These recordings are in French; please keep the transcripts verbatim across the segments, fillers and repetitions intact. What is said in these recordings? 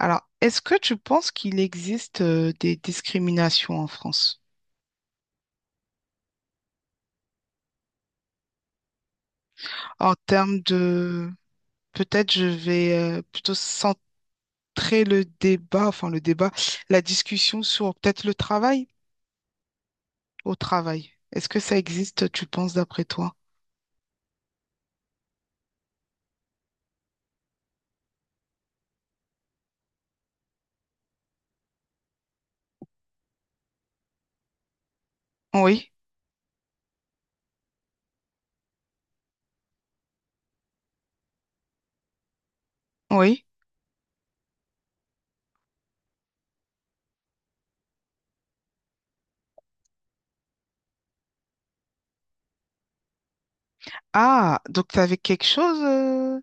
Alors, est-ce que tu penses qu'il existe euh, des discriminations en France? En termes de... Peut-être je vais euh, plutôt centrer le débat, enfin le débat, la discussion sur peut-être le travail au travail. Est-ce que ça existe, tu penses, d'après toi? Oui, oui. Ah, donc tu avais quelque chose... euh,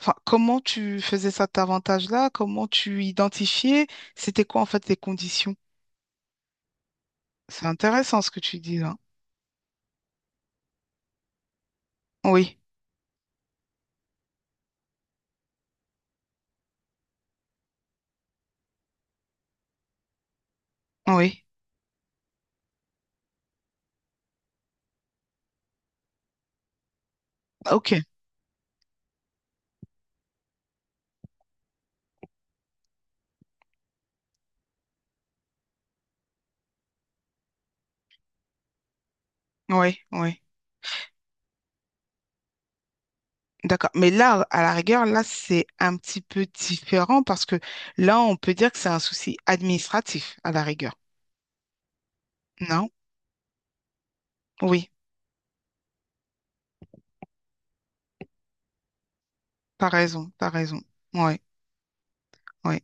Enfin, comment tu faisais cet avantage-là? Comment tu identifiais? C'était quoi en fait les conditions? C'est intéressant ce que tu dis là. Oui, oui. Ok, oui, oui. D'accord. Mais là, à la rigueur, là, c'est un petit peu différent parce que là, on peut dire que c'est un souci administratif, à la rigueur. Non? Oui, t'as raison, t'as raison. Oui, oui,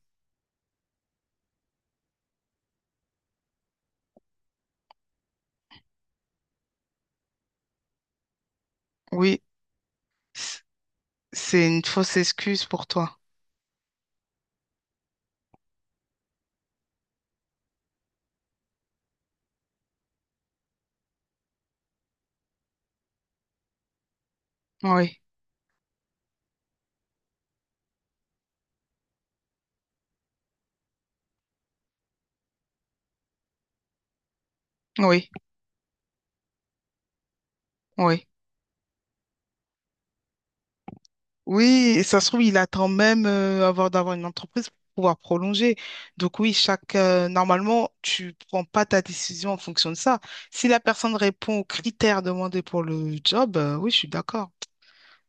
oui. c- C'est une fausse excuse pour toi. Oui, oui, oui. Oui, et ça se trouve, il attend même euh, avant d'avoir une entreprise pour pouvoir prolonger. Donc oui, chaque euh, normalement, tu prends pas ta décision en fonction de ça. Si la personne répond aux critères demandés pour le job, euh, oui, je suis d'accord.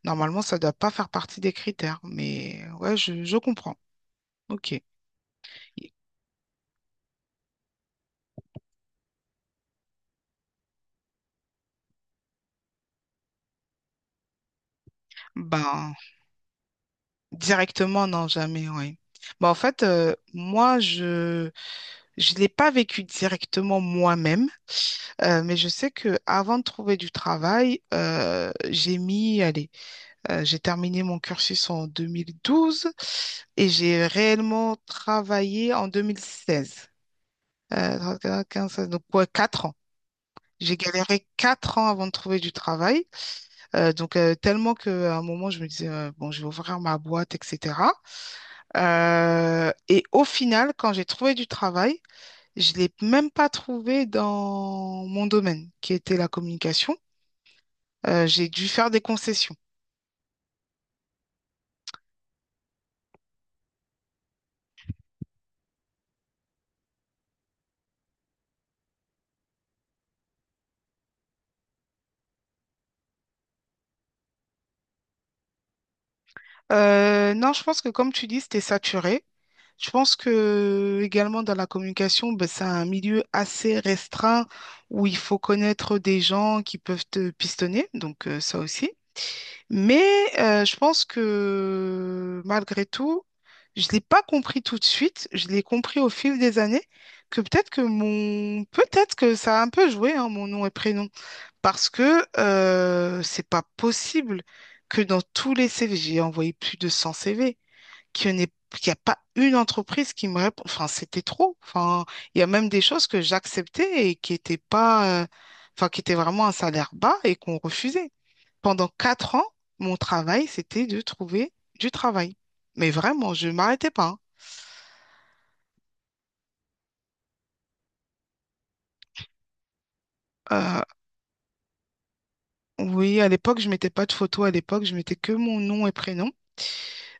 Normalement, ça ne doit pas faire partie des critères, mais ouais, je, je comprends. Ok. Et- Ben, directement, non, jamais, oui. Ben, en fait, euh, moi, je je l'ai pas vécu directement moi-même, euh, mais je sais que avant de trouver du travail, euh, j'ai mis, allez, euh, j'ai terminé mon cursus en deux mille douze et j'ai réellement travaillé en deux mille seize. Euh, treize, quatorze, quinze, seize, donc ouais, quatre ans. J'ai galéré quatre ans avant de trouver du travail. Euh, donc euh, tellement qu'à un moment, je me disais, euh, bon, je vais ouvrir ma boîte, et cetera. Euh, et au final, quand j'ai trouvé du travail, je ne l'ai même pas trouvé dans mon domaine, qui était la communication. Euh, j'ai dû faire des concessions. Euh, non, je pense que comme tu dis, c'était saturé. Je pense que également dans la communication, ben, c'est un milieu assez restreint où il faut connaître des gens qui peuvent te pistonner, donc euh, ça aussi. Mais euh, je pense que malgré tout, je ne l'ai pas compris tout de suite, je l'ai compris au fil des années, que peut-être que mon peut-être que ça a un peu joué, hein, mon nom et prénom. Parce que euh, c'est pas possible que dans tous les C V, j'ai envoyé plus de cent C V, qu'il n'y en ait- qu'il y a pas une entreprise qui me répond. Enfin, c'était trop. Enfin, il y a même des choses que j'acceptais et qui étaient pas, euh, enfin, qui étaient vraiment un salaire bas et qu'on refusait. Pendant quatre ans, mon travail, c'était de trouver du travail. Mais vraiment, je m'arrêtais pas. Hein. Euh, oui, à l'époque, je mettais pas de photo. À l'époque, je mettais que mon nom et prénom.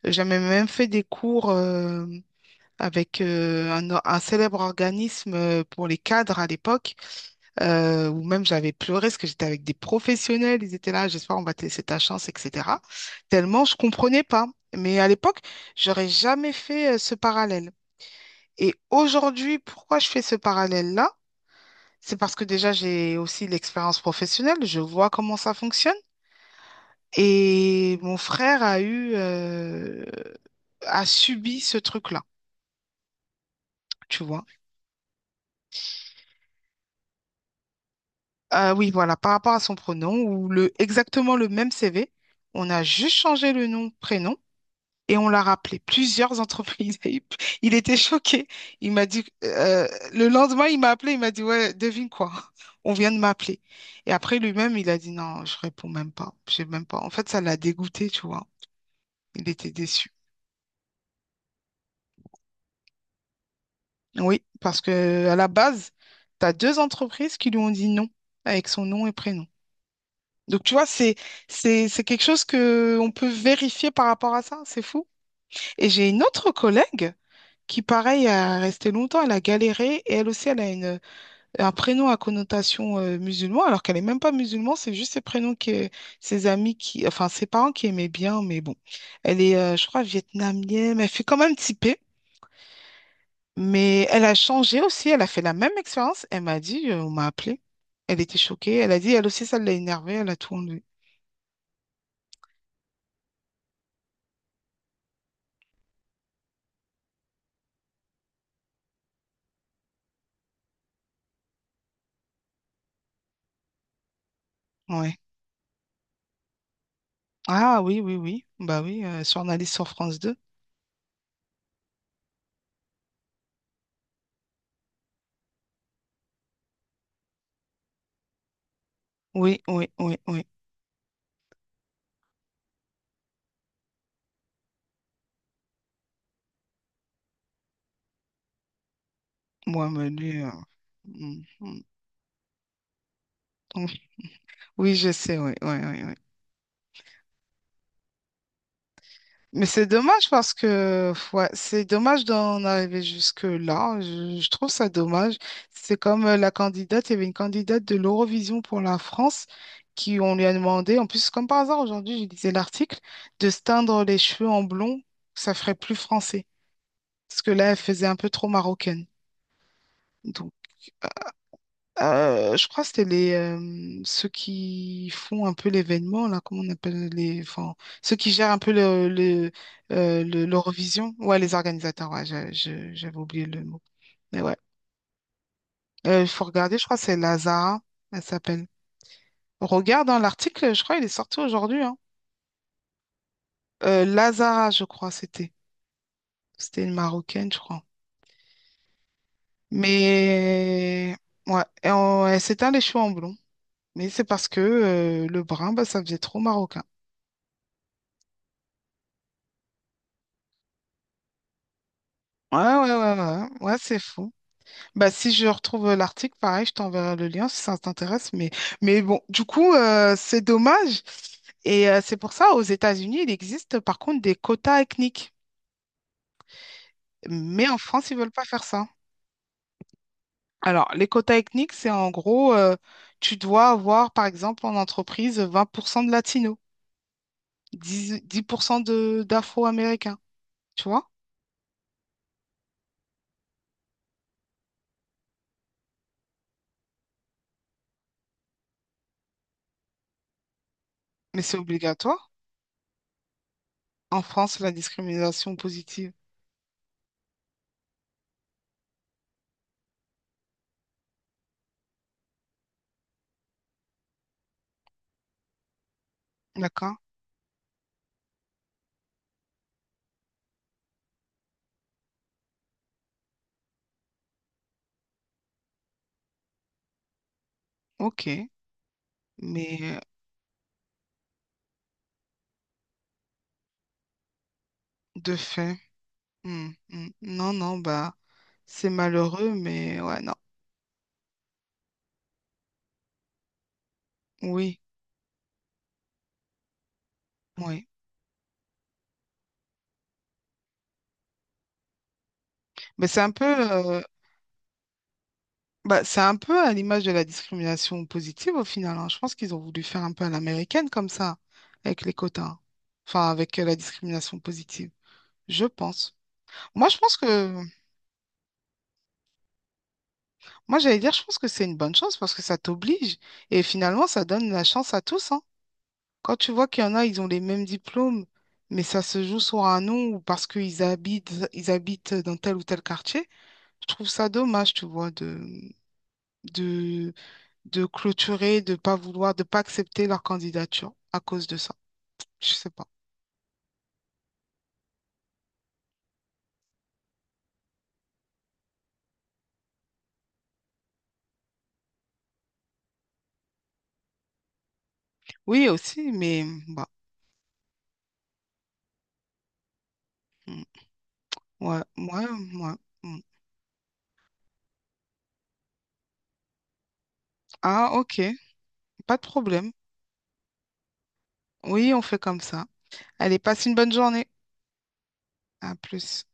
J'avais même fait des cours. Euh, avec euh, un, or- un célèbre organisme euh, pour les cadres à l'époque, euh, où même j'avais pleuré parce que j'étais avec des professionnels, ils étaient là, j'espère on va te laisser ta chance, et cetera. Tellement je comprenais pas. Mais à l'époque, j'aurais jamais fait euh, ce parallèle. Et aujourd'hui, pourquoi je fais ce parallèle-là? C'est parce que déjà, j'ai aussi l'expérience professionnelle, je vois comment ça fonctionne. Et mon frère a eu, euh, a subi ce truc-là, tu vois. Euh, oui, voilà, par rapport à son pronom ou le, exactement le même C V, on a juste changé le nom, prénom et on l'a rappelé plusieurs entreprises. Il il était choqué. Il m'a dit, euh, le lendemain, il m'a appelé, il m'a dit, ouais, devine quoi, on vient de m'appeler. Et après, lui-même, il a dit, non, je réponds même pas, je sais même pas. En fait, ça l'a dégoûté, tu vois. Il était déçu. Oui, parce que à la base, tu as deux entreprises qui lui ont dit non avec son nom et prénom. Donc, tu vois, c'est, c'est, c'est quelque chose que on peut vérifier par rapport à ça. C'est fou. Et j'ai une autre collègue qui, pareil, a resté longtemps. Elle a galéré et elle aussi, elle a une, un prénom à connotation euh, musulman, alors qu'elle n'est même pas musulman. C'est juste ses prénoms que ses amis qui, enfin, ses parents qui aimaient bien. Mais bon, elle est, euh, je crois, vietnamienne. Elle fait quand même typée. Mais elle a changé aussi. Elle a fait la même expérience. Elle m'a dit, euh, on m'a appelée. Elle était choquée. Elle a dit, elle aussi, ça l'a énervée. Elle a tout enlevé. Ouais. Ah oui, oui, oui. Bah oui, euh, journaliste sur France deux. Oui, oui, oui, oui. Moi, mais lui, euh, mm, mm, mm. Oui, je sais, oui, oui, oui, oui. Mais c'est dommage parce que ouais, c'est dommage d'en arriver jusque-là. Je, je trouve ça dommage. C'est comme euh, la candidate, il y avait une candidate de l'Eurovision pour la France qui, on lui a demandé, en plus, comme par hasard, aujourd'hui, je lisais l'article, de se teindre les cheveux en blond, ça ferait plus français. Parce que là, elle faisait un peu trop marocaine. Donc. Euh, je crois que c'était les euh, ceux qui font un peu l'événement, là, comment on appelle les. Enfin, ceux qui gèrent un peu le, le, euh, le- l'Eurovision. Ouais, les organisateurs, ouais, j'a- je- j'avais oublié le mot. Mais ouais. Euh, Il faut regarder, je crois que c'est Lazara, elle s'appelle. Regarde dans l'article, je crois il est sorti aujourd'hui. Hein. Euh, Lazara, je crois, c'était. C'était une Marocaine, je crois. Mais ouais, et on- elle s'éteint les cheveux en blond. Mais c'est parce que euh, le brun, bah, ça faisait trop marocain. Ouais, ouais, ouais, ouais, ouais, ouais, c'est fou. Bah, si je retrouve euh, l'article, pareil, je t'enverrai le lien si ça t'intéresse. Mais, mais bon, du coup, euh, c'est dommage. Et euh, c'est pour ça, aux États-Unis, il existe par contre des quotas ethniques. Mais en France, ils veulent pas faire ça. Alors, les quotas ethniques, c'est en gros, euh, tu dois avoir, par exemple, en entreprise, vingt pour cent de latinos, dix dix pour cent de d'afro-américains, tu vois? Mais c'est obligatoire. En France, la discrimination positive. D'accord? Ok. Mais de fait. Hmm, hmm. Non, non, bah, c'est malheureux, mais ouais, non. Oui, oui. Mais c'est un peu, euh, bah, c'est un peu à l'image de la discrimination positive au final. Hein. Je pense qu'ils ont voulu faire un peu à l'américaine comme ça, avec les quotas. Enfin, avec euh, la discrimination positive. Je pense. Moi, je pense que, moi, j'allais dire, je pense que c'est une bonne chose parce que ça t'oblige et finalement, ça donne la chance à tous, hein. Quand tu vois qu'il y en a, ils ont les mêmes diplômes, mais ça se joue sur un nom ou parce qu'ils habitent, ils habitent dans tel ou tel quartier, je trouve ça dommage, tu vois, de, de, de clôturer, de pas vouloir, de pas accepter leur candidature à cause de ça. Je sais pas. Oui, aussi, mais bah, mm, ouais, ouais, ouais. Mm. Ah, ok, pas de problème. Oui, on fait comme ça. Allez, passe une bonne journée. À plus.